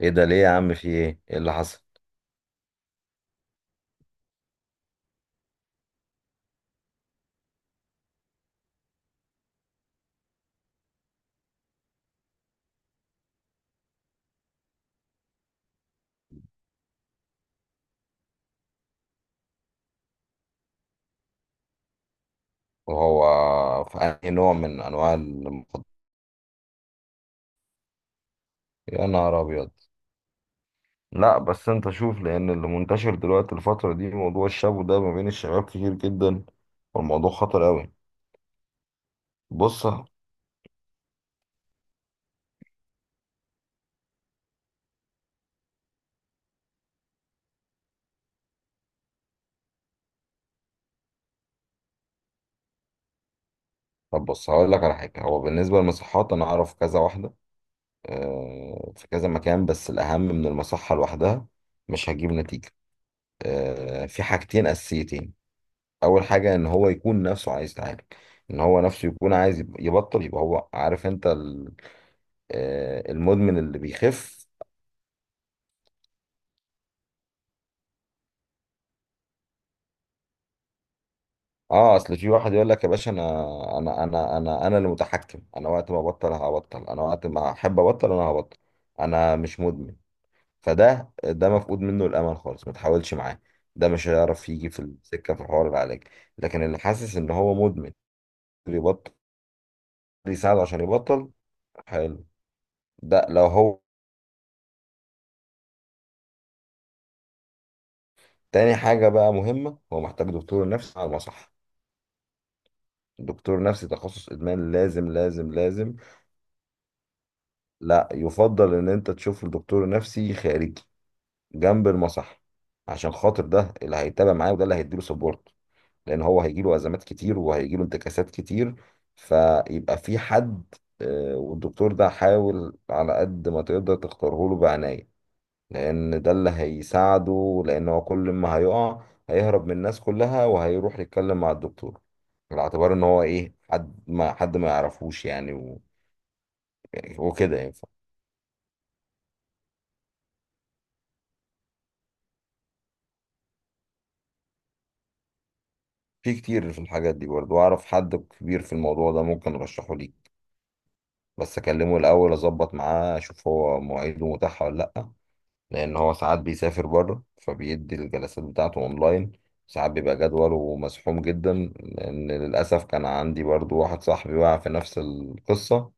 ايه ده ليه يا عم؟ في ايه اللي حصل؟ وهو في انهي نوع من انواع المخدرات؟ يا نهار ابيض! لا بس انت شوف، لان اللي منتشر دلوقتي الفتره دي موضوع الشابو ده ما بين الشباب كتير جدا، والموضوع خطر قوي. بص. طب بص، هقول لك على حاجه. هو بالنسبه للمصحات انا اعرف كذا واحده. في كذا مكان، بس الاهم من المصحه لوحدها مش هجيب نتيجه. في حاجتين اساسيتين. اول حاجه ان هو يكون نفسه عايز يتعالج، ان هو نفسه يكون عايز يبطل. يبقى هو عارف، انت المدمن اللي بيخف. اه، اصل في واحد يقول لك يا باشا، انا اللي متحكم، انا وقت ما ابطل هبطل، انا وقت ما احب ابطل انا هبطل، انا مش مدمن. فده مفقود منه الامل خالص، ما تحاولش معاه. ده مش هيعرف يجي في السكه في حوار العلاج. لكن اللي حاسس ان هو مدمن يبطل، يساعده عشان يبطل. حلو. ده لو هو. تاني حاجة بقى مهمة، هو محتاج دكتور نفسي على المصح. دكتور نفسي تخصص إدمان، لازم لازم لازم. لا، يفضل إن أنت تشوف دكتور نفسي خارجي جنب المصح، عشان خاطر ده اللي هيتابع معاه، وده اللي هيديله سبورت. لأن هو هيجيله أزمات كتير، وهيجيله انتكاسات كتير، فيبقى في حد. والدكتور ده حاول على قد ما تقدر تختاره له بعناية، لان ده اللي هيساعده، لان هو كل ما هيقع هيهرب من الناس كلها وهيروح يتكلم مع الدكتور، على اعتبار ان هو ايه، حد ما يعرفوش يعني يعني وكده ينفع. في كتير، في الحاجات دي برضه اعرف حد كبير في الموضوع ده ممكن ارشحه ليك. بس اكلمه الاول اظبط معاه، اشوف هو مواعيده متاحه ولا لا، لان هو ساعات بيسافر بره فبيدي الجلسات بتاعته اونلاين، ساعات بيبقى جدوله مزحوم جدا. لان للاسف كان عندي برضو واحد صاحبي وقع في نفس القصه،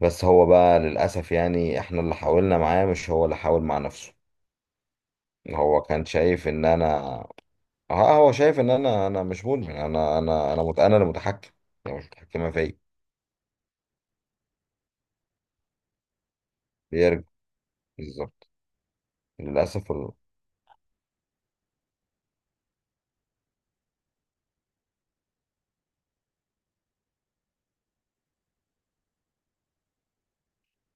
بس هو بقى للأسف يعني احنا اللي حاولنا معاه، مش هو اللي حاول مع نفسه. هو كان شايف ان انا ها، هو شايف ان انا، انا مش مدمن انا انا اللي متحكم، يعني مش متحكمة فيا. بيرجع، بالظبط. للأسف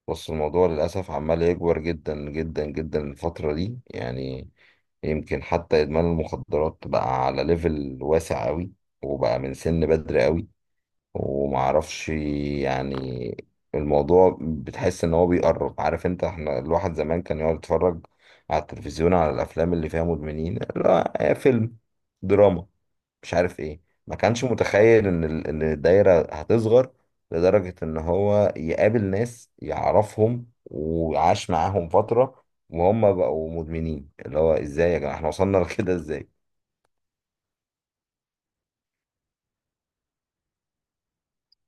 بص، الموضوع للأسف عمال يكبر جدا جدا جدا الفترة دي، يعني يمكن حتى إدمان المخدرات بقى على ليفل واسع قوي، وبقى من سن بدري قوي. ومعرفش يعني، الموضوع بتحس ان هو بيقرب. عارف انت، احنا الواحد زمان كان يقعد يتفرج على التلفزيون على الافلام اللي فيها مدمنين، لا هي فيلم دراما مش عارف ايه، ما كانش متخيل ان ان الدايرة هتصغر لدرجة ان هو يقابل ناس يعرفهم وعاش معاهم فترة وهم بقوا مدمنين. اللي هو ازاي يا جماعة احنا وصلنا لكده، ازاي؟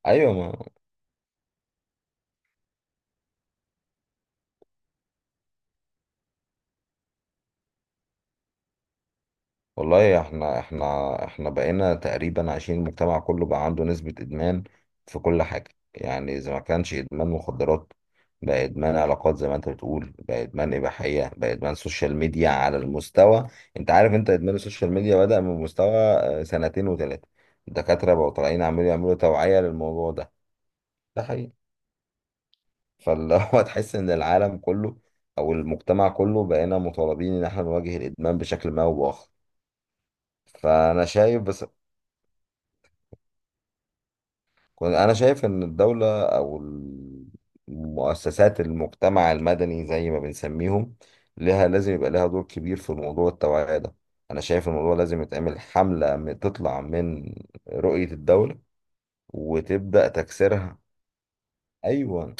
ايوه. ما والله احنا، احنا بقينا تقريبا عايشين المجتمع كله بقى عنده نسبة ادمان في كل حاجة، يعني اذا ما كانش ادمان مخدرات بقى ادمان علاقات زي ما انت بتقول، بقى ادمان اباحية، بقى ادمان سوشيال ميديا على المستوى. انت عارف انت، ادمان السوشيال ميديا بدأ من مستوى سنتين وثلاثة. الدكاترة بقوا طالعين عمالين يعملوا توعية للموضوع ده. ده حقيقي. فاللي هو تحس ان العالم كله او المجتمع كله بقينا مطالبين ان احنا نواجه الادمان بشكل ما او باخر. فانا شايف، بس أنا شايف إن الدولة أو المؤسسات المجتمع المدني زي ما بنسميهم، لها لازم يبقى لها دور كبير في موضوع التوعية ده. أنا شايف الموضوع لازم يتعمل حملة تطلع من رؤية الدولة وتبدأ تكسرها. أيوة،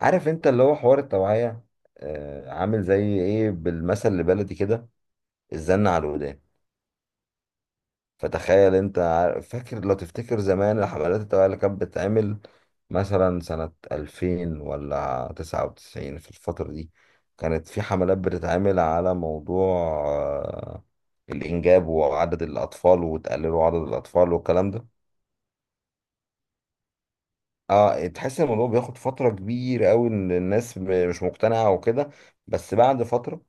عارف أنت اللي هو حوار التوعية عامل زي إيه، بالمثل البلدي كده، الزن على الودان. فتخيل انت فاكر، لو تفتكر زمان الحفلات التوعية اللي كانت بتتعمل مثلا سنة 2000 ولا 99 في الفترة دي، كانت في حملات بتتعمل على موضوع الإنجاب وعدد الأطفال وتقللوا عدد الأطفال والكلام ده. اه، تحس ان الموضوع بياخد فترة كبيرة قوي، ان الناس مش مقتنعة وكده، بس بعد فترة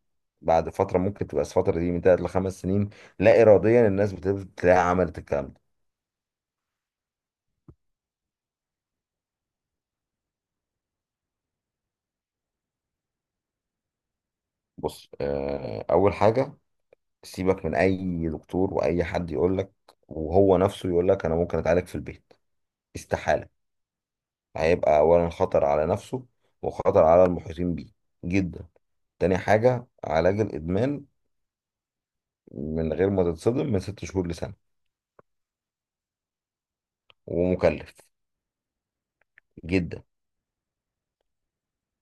بعد فترة ممكن تبقى الفترة دي من 3 لـ5 سنين، لا إراديا الناس بتبدأ تلاقي عملت الكلام ده. بص، اول حاجه سيبك من اي دكتور واي حد يقول لك، وهو نفسه يقول لك انا ممكن اتعالج في البيت، استحاله. هيبقى اولا خطر على نفسه وخطر على المحيطين بيه جدا. تاني حاجه، علاج الادمان من غير ما تتصدم من 6 شهور لسنه، ومكلف جدا.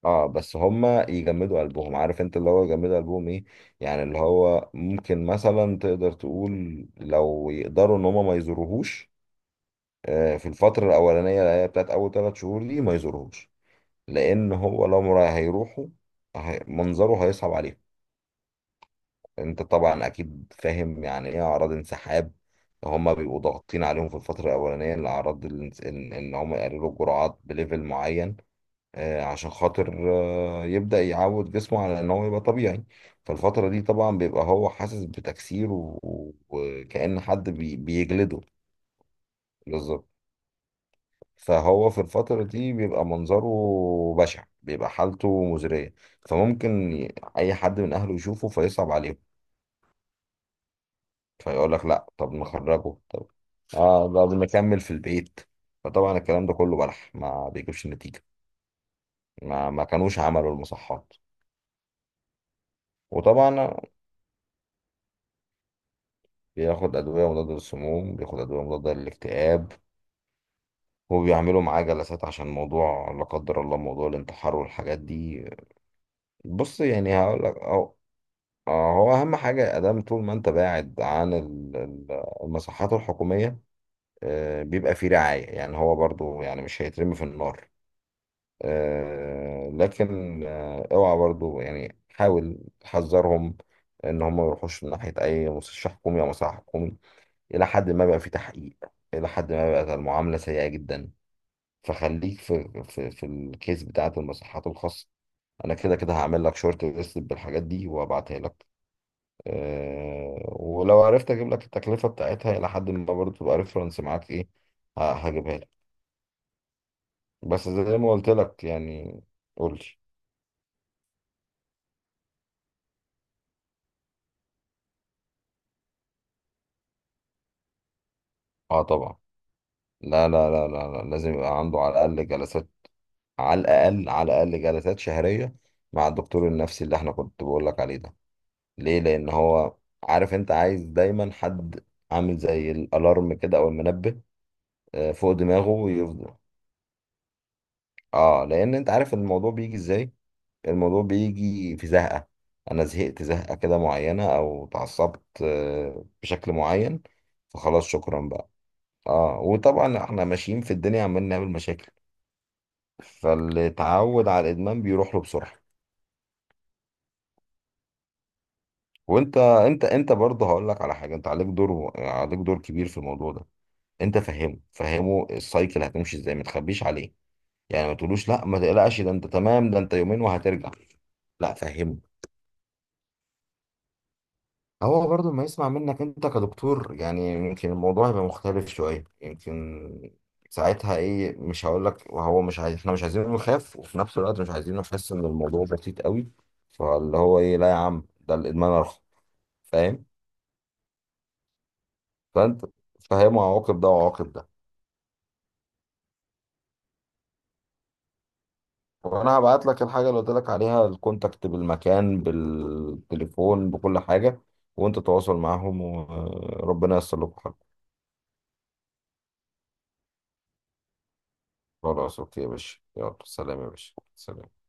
اه، بس هما يجمدوا قلبهم. عارف انت اللي هو يجمدوا قلبهم ايه، يعني اللي هو ممكن مثلا تقدر تقول لو يقدروا ان هما ما يزوروهوش في الفترة الأولانية اللي هي بتاعت أول 3 شهور دي، ما يزورهوش، لأن هو لو هيروحوا، منظره هيصعب عليهم. أنت طبعا أكيد فاهم يعني إيه أعراض انسحاب. هما بيبقوا ضاغطين عليهم في الفترة الأولانية الأعراض إن هما يقللوا الجرعات بليفل معين عشان خاطر يبدأ يعود جسمه على إن هو يبقى طبيعي. فالفترة دي طبعا بيبقى هو حاسس بتكسير وكأن حد بيجلده. فهو في الفترة دي بيبقى منظره بشع، بيبقى حالته مزرية، فممكن أي حد من أهله يشوفه فيصعب عليهم، فيقول لك لا طب نخرجه، طب طب نكمل في البيت. فطبعا الكلام ده كله بلح، ما بيجيبش نتيجة ما كانوش عملوا المصحات. وطبعا بياخد أدوية مضادة للسموم، بياخد أدوية مضادة للاكتئاب، وبيعملوا معاه جلسات عشان موضوع لا قدر الله موضوع الانتحار والحاجات دي. بص يعني هقول لك، هو أهم حاجة أدام، طول ما أنت بعد عن المساحات الحكومية بيبقى فيه رعاية، يعني هو برضو يعني مش هيترمي في النار. لكن اوعى برضو يعني، حاول تحذرهم إن هم ما يروحوش من ناحية أي مستشفى حكومي أو مصحة حكومي، إلى حد ما بقى فيه تحقيق، إلى حد ما بقت المعاملة سيئة جدا. فخليك في في الكيس بتاعة المساحات الخاصة. أنا كده كده هعمل لك شورت ليست بالحاجات دي وأبعتها لك. ولو عرفت اجيب لك التكلفه بتاعتها الى حد ما برضه، تبقى ريفرنس معاك ايه، هجيبها لك. بس زي ما قلت لك يعني. قول لي. اه طبعا. لا لا لا لا لا، لازم يبقى عنده على الاقل جلسات، على الاقل جلسات شهريه مع الدكتور النفسي اللي احنا كنت بقول لك عليه ده. ليه؟ لان هو، عارف انت، عايز دايما حد عامل زي الالارم كده او المنبه فوق دماغه يفضل. اه، لان انت عارف الموضوع بيجي ازاي. الموضوع بيجي في زهقة، أنا زهقت زهقة كده معينة أو اتعصبت بشكل معين، فخلاص شكرا بقى. اه، وطبعا احنا ماشيين في الدنيا عمالين نعمل مشاكل، فاللي اتعود على الإدمان بيروح له بسرعة. وانت، انت برضه هقول لك على حاجة، انت عليك دور، عليك دور كبير في الموضوع ده. انت فهمه، فهمه السايكل هتمشي ازاي، ما تخبيش عليه، يعني ما تقولوش لا ما تقلقش ده انت تمام، ده انت يومين وهترجع، لا فهمه. هو برضو ما يسمع منك انت كدكتور، يعني يمكن الموضوع يبقى مختلف شوية، يمكن ساعتها ايه، مش هقول لك وهو مش عايز، احنا مش عايزينه يخاف، وفي نفس الوقت مش عايزينه يحس ان الموضوع بسيط قوي، فاللي هو ايه، لا يا عم ده الادمان ارخص، فاهم. فانت فاهم عواقب ده وعواقب ده. وانا هبعت لك الحاجة اللي قلت لك عليها، الكونتاكت بالمكان بالتليفون بكل حاجة، وانت تواصل معاهم وربنا ييسر لكم حاجة. خلاص، اوكي يا باشا، يلا سلام يا باشا، سلام.